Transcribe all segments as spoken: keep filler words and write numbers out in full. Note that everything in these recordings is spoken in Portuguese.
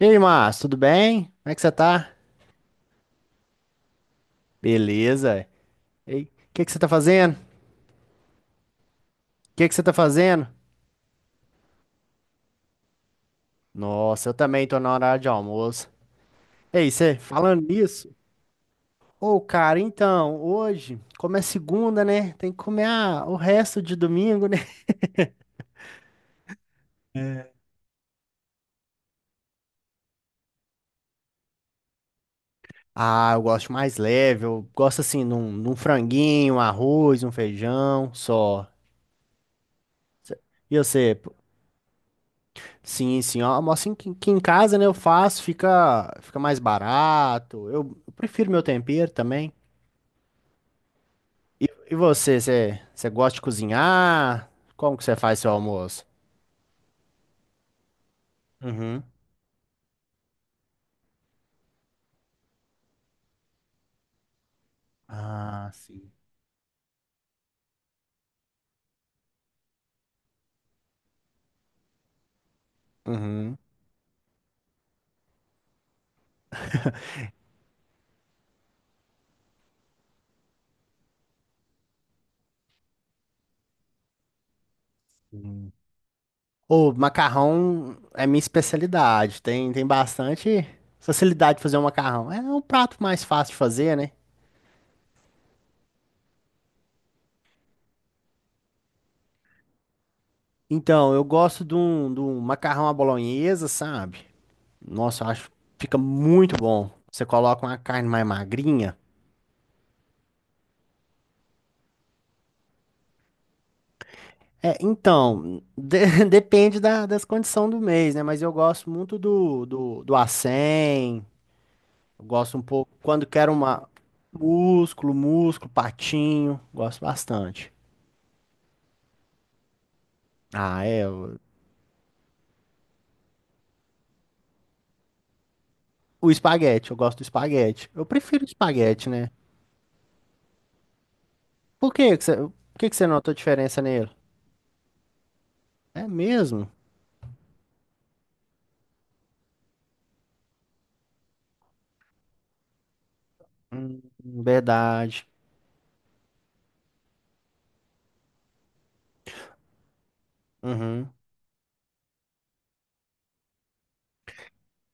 E aí, Márcio, tudo bem? Como é que você tá? Beleza. E o que que você tá fazendo? O que que você tá fazendo? Nossa, eu também tô na hora de almoço. Ei, você falando nisso? Ô, cara, então, hoje, como é segunda, né? Tem que comer ah, o resto de domingo, né? Ah, eu gosto mais leve, eu gosto assim, num, num franguinho, um arroz, um feijão, só. E você? Pô, sim, sim, ó, almoço em- que em casa, né, eu faço, fica, fica mais barato. Eu, eu prefiro meu tempero também. E, e você, você, você gosta de cozinhar? Como que você faz seu almoço? Uhum. Ah, sim. Uhum. O macarrão é minha especialidade. Tem, tem bastante facilidade de fazer um macarrão. É um prato mais fácil de fazer, né? Então, eu gosto de um, de um macarrão à bolonhesa, sabe? Nossa, eu acho que fica muito bom. Você coloca uma carne mais magrinha. É, então, de- depende da, das condições do mês, né? Mas eu gosto muito do, do, do acém, eu gosto um pouco, quando quero uma, músculo, músculo, patinho, gosto bastante. Ah, é, o, o espaguete, eu gosto do espaguete. Eu prefiro espaguete, né? Por que que você, por que que você notou diferença nele? É mesmo? Hum, verdade. Uhum,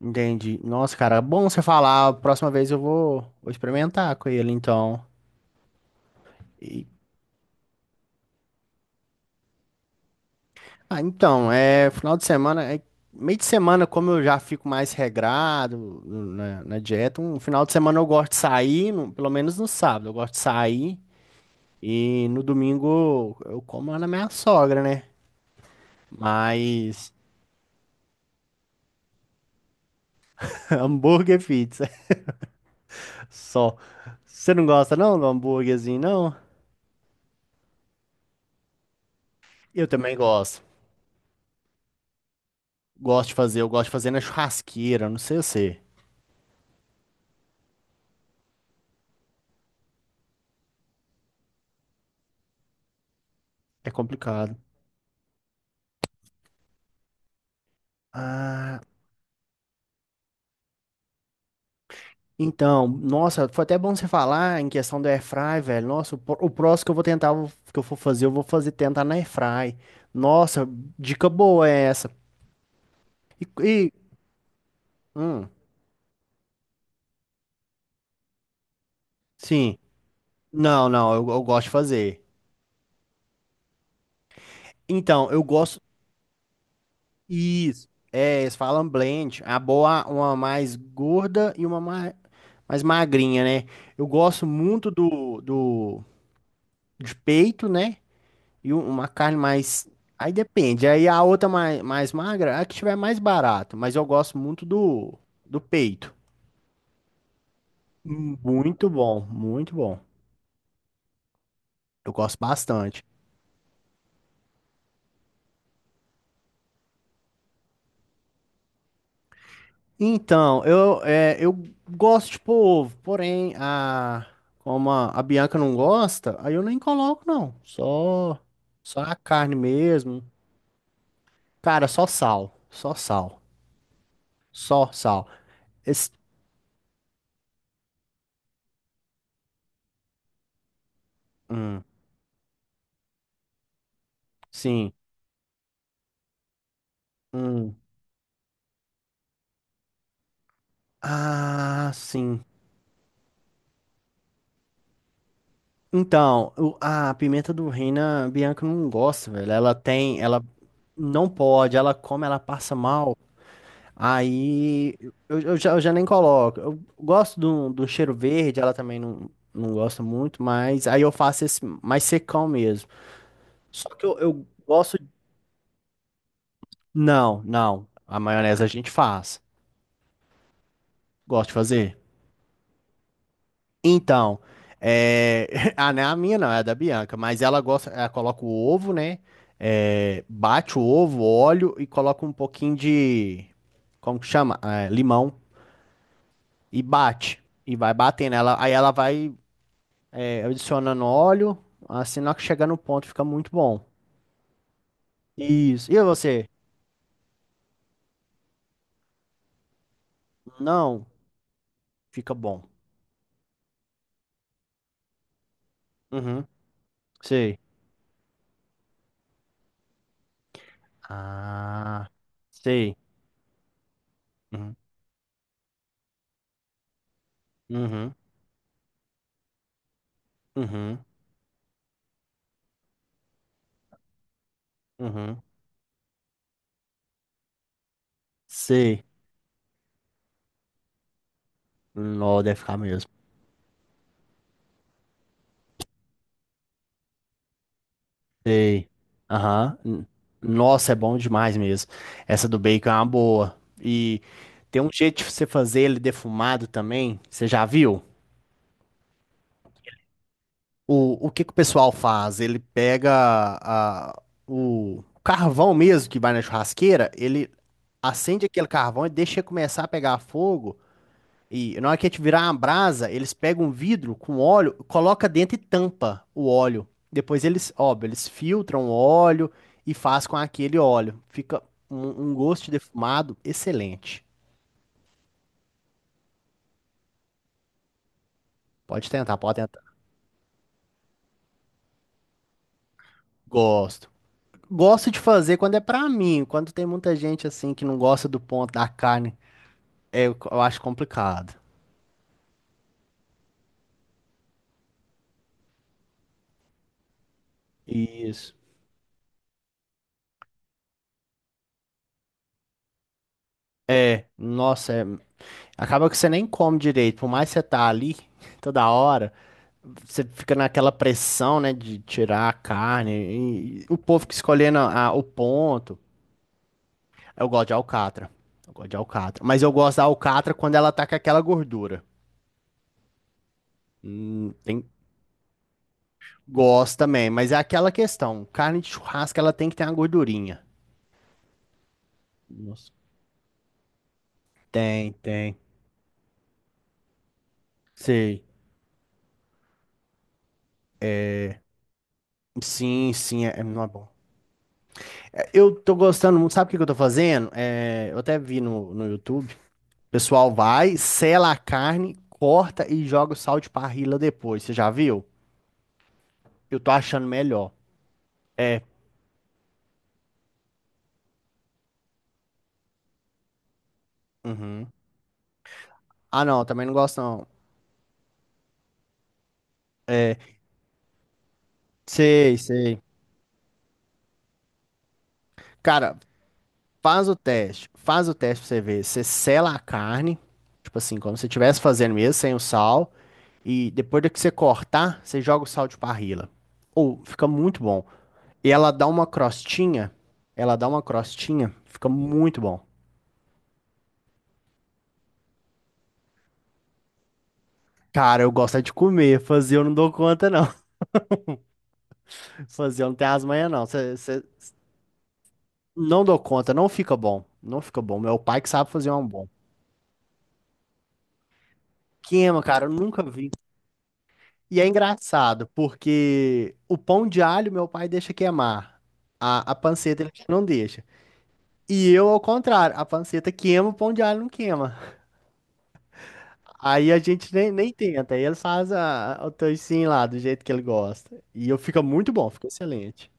entendi. Nossa, cara, é bom você falar, a próxima vez eu vou, vou experimentar com ele, então. Ah, então, é final de semana, é, meio de semana, como eu já fico mais regrado na, na dieta, um final de semana eu gosto de sair, no- pelo menos no sábado, eu gosto de sair e no domingo eu como lá na minha sogra, né? Mas hambúrguer e pizza, só. Você não gosta não do hambúrguerzinho, não? Eu também gosto. Gosto de fazer, eu gosto de fazer na churrasqueira, não sei você. É complicado. Ah. Então, nossa, foi até bom você falar em questão do airfry, velho. Nossa, o, pró- o próximo que eu vou tentar, eu vou- que eu for fazer, eu vou fazer tentar na airfry. Nossa, dica boa é essa. E, e- hum, sim. Não, não, eu, eu gosto de fazer. Então, eu gosto isso. É, eles falam blend, a boa, uma mais gorda e uma mais, mais magrinha, né? Eu gosto muito do, do de peito, né? E u- uma carne mais. Aí depende. Aí a outra mais, mais magra, é a que tiver mais barato. Mas eu gosto muito do, do peito. Muito bom, muito bom. Eu gosto bastante. Então, eu, é, eu gosto de polvo, porém, a, como a, a Bianca não gosta, aí eu nem coloco, não. Só, só a carne mesmo. Cara, só sal. Só sal. Só sal. Esse, hum, sim. Hum. Ah, sim. Então, o- a pimenta do reino, a Bianca não gosta, velho. Ela tem, ela não pode, ela come, ela passa mal. Aí eu, eu já, eu já nem coloco. Eu gosto do, do cheiro verde, ela também não, não gosta muito, mas aí eu faço esse mais secão mesmo. Só que eu, eu gosto. Não, não. A maionese a gente faz. Gosto de fazer. Então, é... ah, não é a minha não, é a da Bianca, mas ela gosta, ela coloca o ovo, né? É, bate o ovo, óleo e coloca um pouquinho de, como que chama? É, limão e bate. E vai batendo. Ela, aí ela vai é, adicionando óleo, assim, na hora que chegar no ponto fica muito bom. Isso. E você? Não, fica bom. Uhum, sei. Ah, sei. Uhum, uhum, uhum, uhum, sei. Não, deve ficar mesmo. Sei. Aham. N- Nossa, é bom demais mesmo. Essa do bacon é uma boa. E tem um jeito de você fazer ele defumado também. Você já viu? O, o que que o pessoal faz? Ele pega a, o carvão mesmo que vai na churrasqueira, ele acende aquele carvão e deixa começar a pegar fogo. E na hora que a gente virar uma brasa, eles pegam um vidro com óleo, coloca dentro e tampa o óleo. Depois eles, óbvio, eles filtram o óleo e faz com aquele óleo. Fica um, um gosto de defumado excelente. Pode tentar, pode tentar. Gosto. Gosto de fazer quando é pra mim. Quando tem muita gente assim que não gosta do ponto da carne, é, eu eu acho complicado. Isso. É, nossa, é- acaba que você nem come direito, por mais que você tá ali toda hora. Você fica naquela pressão, né, de tirar a carne. E o povo que escolhendo a- o ponto. Eu gosto de alcatra. Eu gosto de alcatra. Mas eu gosto da alcatra quando ela tá com aquela gordura. Hum, tem... Gosto também, mas é aquela questão. Carne de churrasco, ela tem que ter uma gordurinha. Nossa. Tem, tem. Sei. Sim, sim, é, é- não é bom. É, eu tô gostando muito. Sabe o que que eu tô fazendo? É, eu até vi no, no YouTube. O pessoal vai, sela a carne, corta e joga o sal de parrilla depois. Você já viu? Eu tô achando melhor. Uhum. Ah, não, também não gosto não. Sei, sei. Cara, faz o teste. Faz o teste pra você ver. Você sela a carne, tipo assim, como se estivesse fazendo mesmo, sem o sal. E depois de que você cortar, você joga o sal de parrilla. Ou fica muito bom. E ela dá uma crostinha. Ela dá uma crostinha. Fica muito bom. Cara, eu gosto é de comer. Fazer eu não dou conta, não. Fazer eu não tem as manhas, não. Cê, cê- não dou conta, não fica bom. Não fica bom. Meu pai que sabe fazer um bom. Queima, cara, eu nunca vi. E é engraçado, porque o pão de alho meu pai deixa queimar. A, a panceta ele não deixa. E eu, ao contrário, a panceta queima, o pão de alho não queima. Aí a gente nem, nem tenta. Aí ele faz a, o toicinho lá, do jeito que ele gosta. E eu fica muito bom, fica excelente.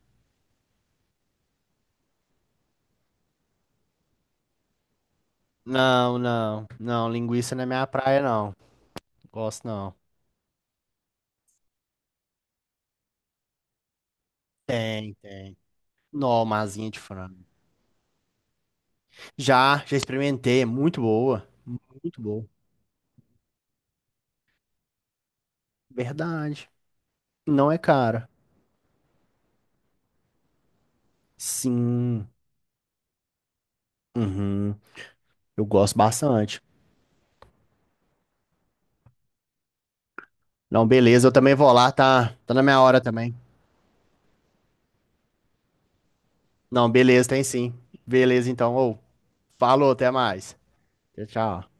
Não, não, não, linguiça não é minha praia, não. Gosto não. Tem, tem. Nó, masinha de frango. Já, já experimentei, é muito boa. Muito boa. Verdade. Não é cara. Sim. Uhum. Eu gosto bastante. Não, beleza, eu também vou lá, tá, tá na minha hora também. Não, beleza, tem sim. Beleza, então. Ô, falou, até mais. Tchau, tchau.